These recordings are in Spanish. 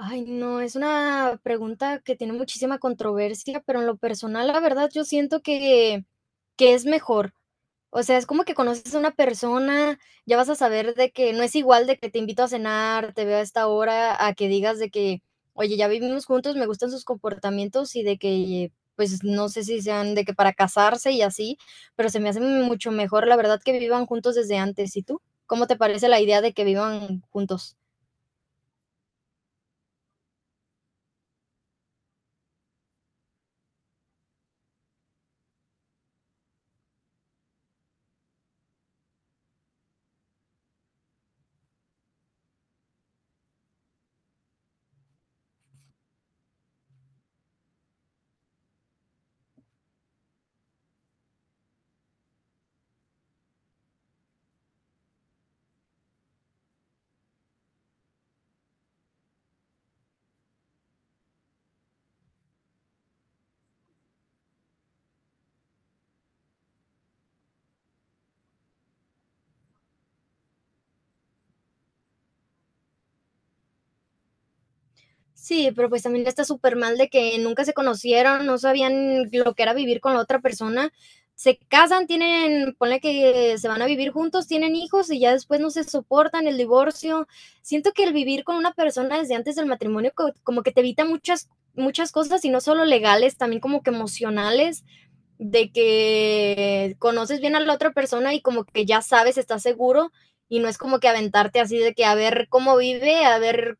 Ay, no, es una pregunta que tiene muchísima controversia, pero en lo personal, la verdad, yo siento que es mejor. O sea, es como que conoces a una persona, ya vas a saber de que no es igual de que te invito a cenar, te veo a esta hora, a que digas de que: "Oye, ya vivimos juntos, me gustan sus comportamientos", y de que, pues, no sé si sean de que para casarse y así, pero se me hace mucho mejor, la verdad, que vivan juntos desde antes, ¿y tú? ¿Cómo te parece la idea de que vivan juntos? Sí, pero pues también está súper mal de que nunca se conocieron, no sabían lo que era vivir con la otra persona. Se casan, tienen, ponle que se van a vivir juntos, tienen hijos y ya después no se soportan, el divorcio. Siento que el vivir con una persona desde antes del matrimonio como que te evita muchas, muchas cosas y no solo legales, también como que emocionales, de que conoces bien a la otra persona y como que ya sabes, estás seguro y no es como que aventarte así de que a ver cómo vive, a ver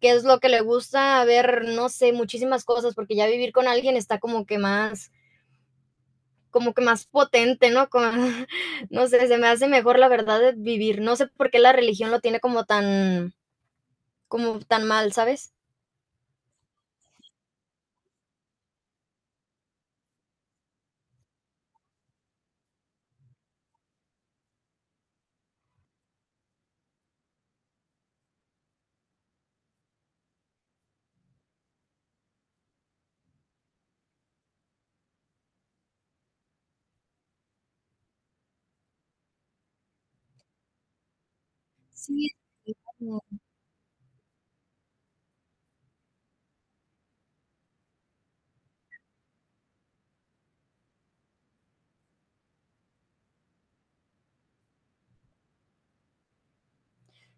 qué es lo que le gusta, a ver, no sé, muchísimas cosas, porque ya vivir con alguien está como que más potente, ¿no? Como, no sé, se me hace mejor la verdad de vivir. No sé por qué la religión lo tiene como tan mal, ¿sabes? Sí,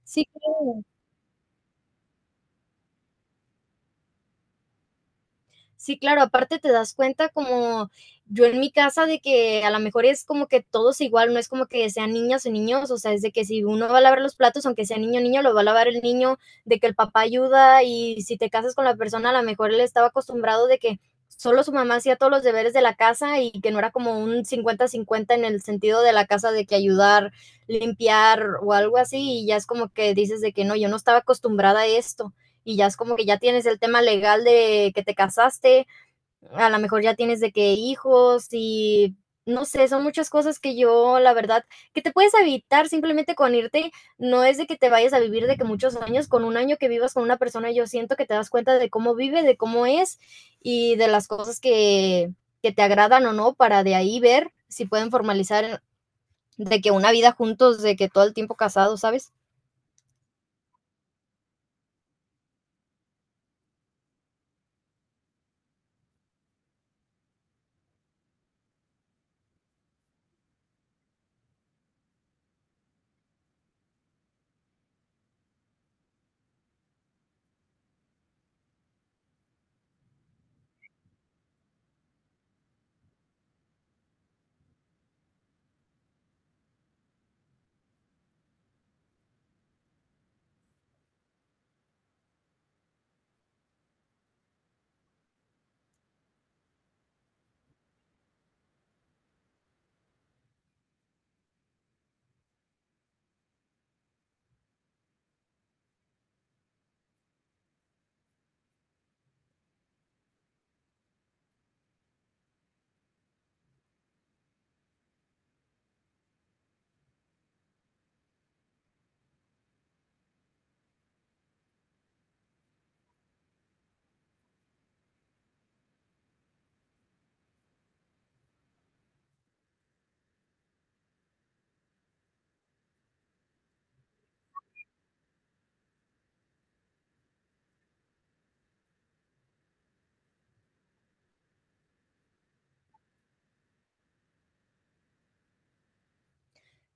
sí, creo. Sí, claro, aparte te das cuenta como yo en mi casa de que a lo mejor es como que todos igual, no es como que sean niñas o niños, o sea, es de que si uno va a lavar los platos, aunque sea niño o niño, lo va a lavar el niño, de que el papá ayuda y si te casas con la persona, a lo mejor él estaba acostumbrado de que solo su mamá hacía todos los deberes de la casa y que no era como un 50-50 en el sentido de la casa de que ayudar, limpiar o algo así, y ya es como que dices de que no, yo no estaba acostumbrada a esto y ya es como que ya tienes el tema legal de que te casaste, a lo mejor ya tienes de que hijos y no sé, son muchas cosas que yo, la verdad, que te puedes evitar simplemente con irte, no es de que te vayas a vivir de que muchos años, con un año que vivas con una persona, yo siento que te das cuenta de cómo vive, de cómo es y de las cosas que te agradan o no, para de ahí ver si pueden formalizar de que una vida juntos, de que todo el tiempo casados, ¿sabes?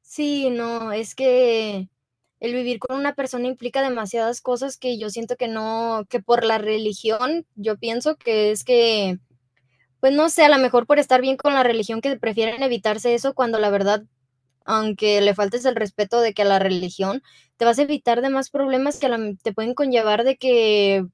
Sí, no, es que el vivir con una persona implica demasiadas cosas que yo siento que no, que por la religión, yo pienso que es que, pues no sé, a lo mejor por estar bien con la religión que prefieren evitarse eso cuando la verdad aunque le faltes el respeto de que a la religión, te vas a evitar de más problemas que te pueden conllevar de que,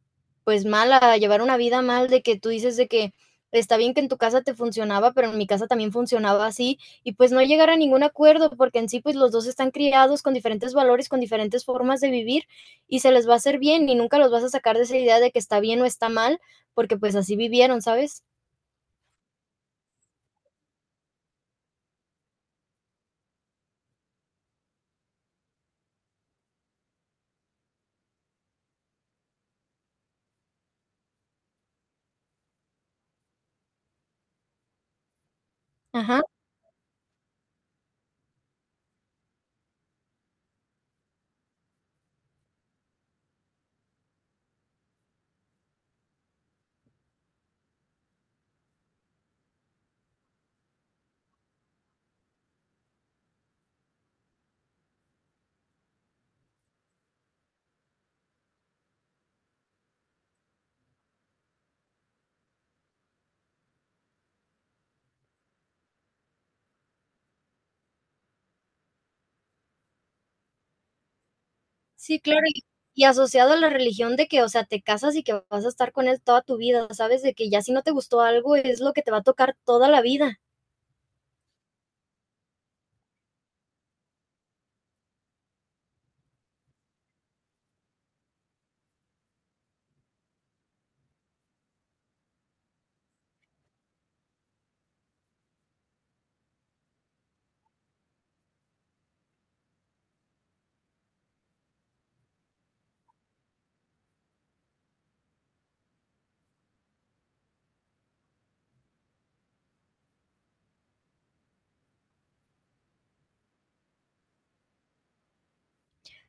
pues mal, a llevar una vida mal, de que tú dices de que está bien que en tu casa te funcionaba, pero en mi casa también funcionaba así, y pues no llegar a ningún acuerdo, porque en sí, pues los dos están criados con diferentes valores, con diferentes formas de vivir, y se les va a hacer bien, y nunca los vas a sacar de esa idea de que está bien o está mal, porque pues así vivieron, ¿sabes? Ajá. Sí, claro, y asociado a la religión de que, o sea, te casas y que vas a estar con él toda tu vida, ¿sabes? De que ya si no te gustó algo, es lo que te va a tocar toda la vida.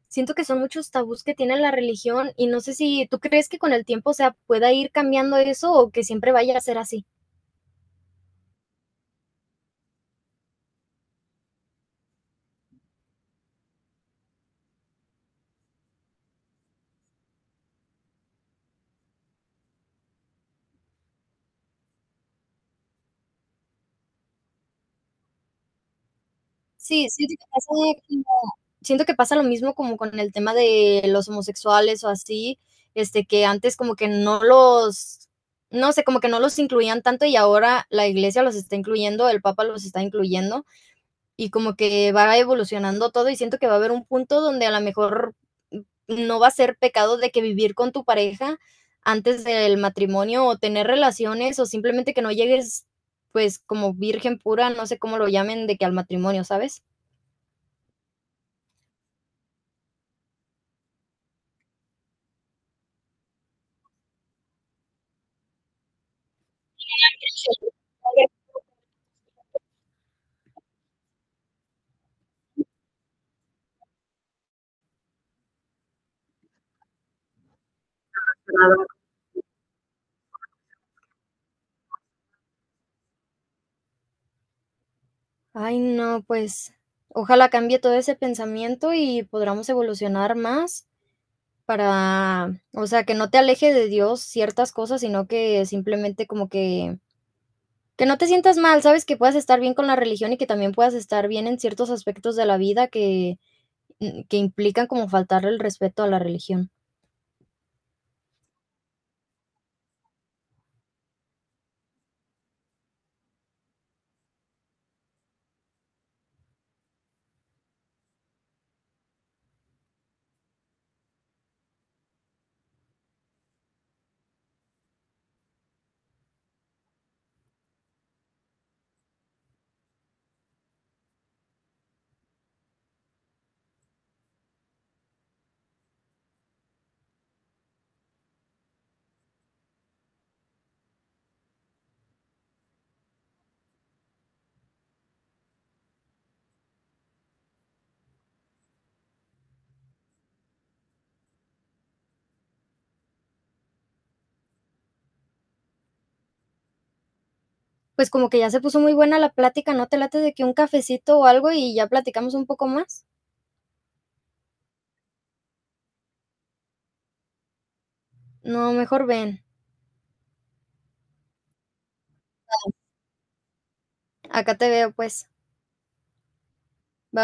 Siento que son muchos tabús que tiene la religión y no sé si tú crees que con el tiempo, o sea, pueda ir cambiando eso o que siempre vaya a ser así. Sí, como- siento que pasa lo mismo como con el tema de los homosexuales o así, este, que antes como que no los, no sé, como que no los incluían tanto y ahora la iglesia los está incluyendo, el papa los está incluyendo. Y como que va evolucionando todo y siento que va a haber un punto donde a lo mejor no va a ser pecado de que vivir con tu pareja antes del matrimonio o tener relaciones o simplemente que no llegues pues como virgen pura, no sé cómo lo llamen, de que al matrimonio, ¿sabes? Ay, no, pues ojalá cambie todo ese pensamiento y podamos evolucionar más para, o sea, que no te aleje de Dios ciertas cosas, sino que simplemente como que no te sientas mal, ¿sabes? Que puedas estar bien con la religión y que también puedas estar bien en ciertos aspectos de la vida que, mm, que implican como faltarle el respeto a la religión. Pues, como que ya se puso muy buena la plática, ¿no te late de que un cafecito o algo y ya platicamos un poco más? No, mejor ven. Acá te veo, pues. Ba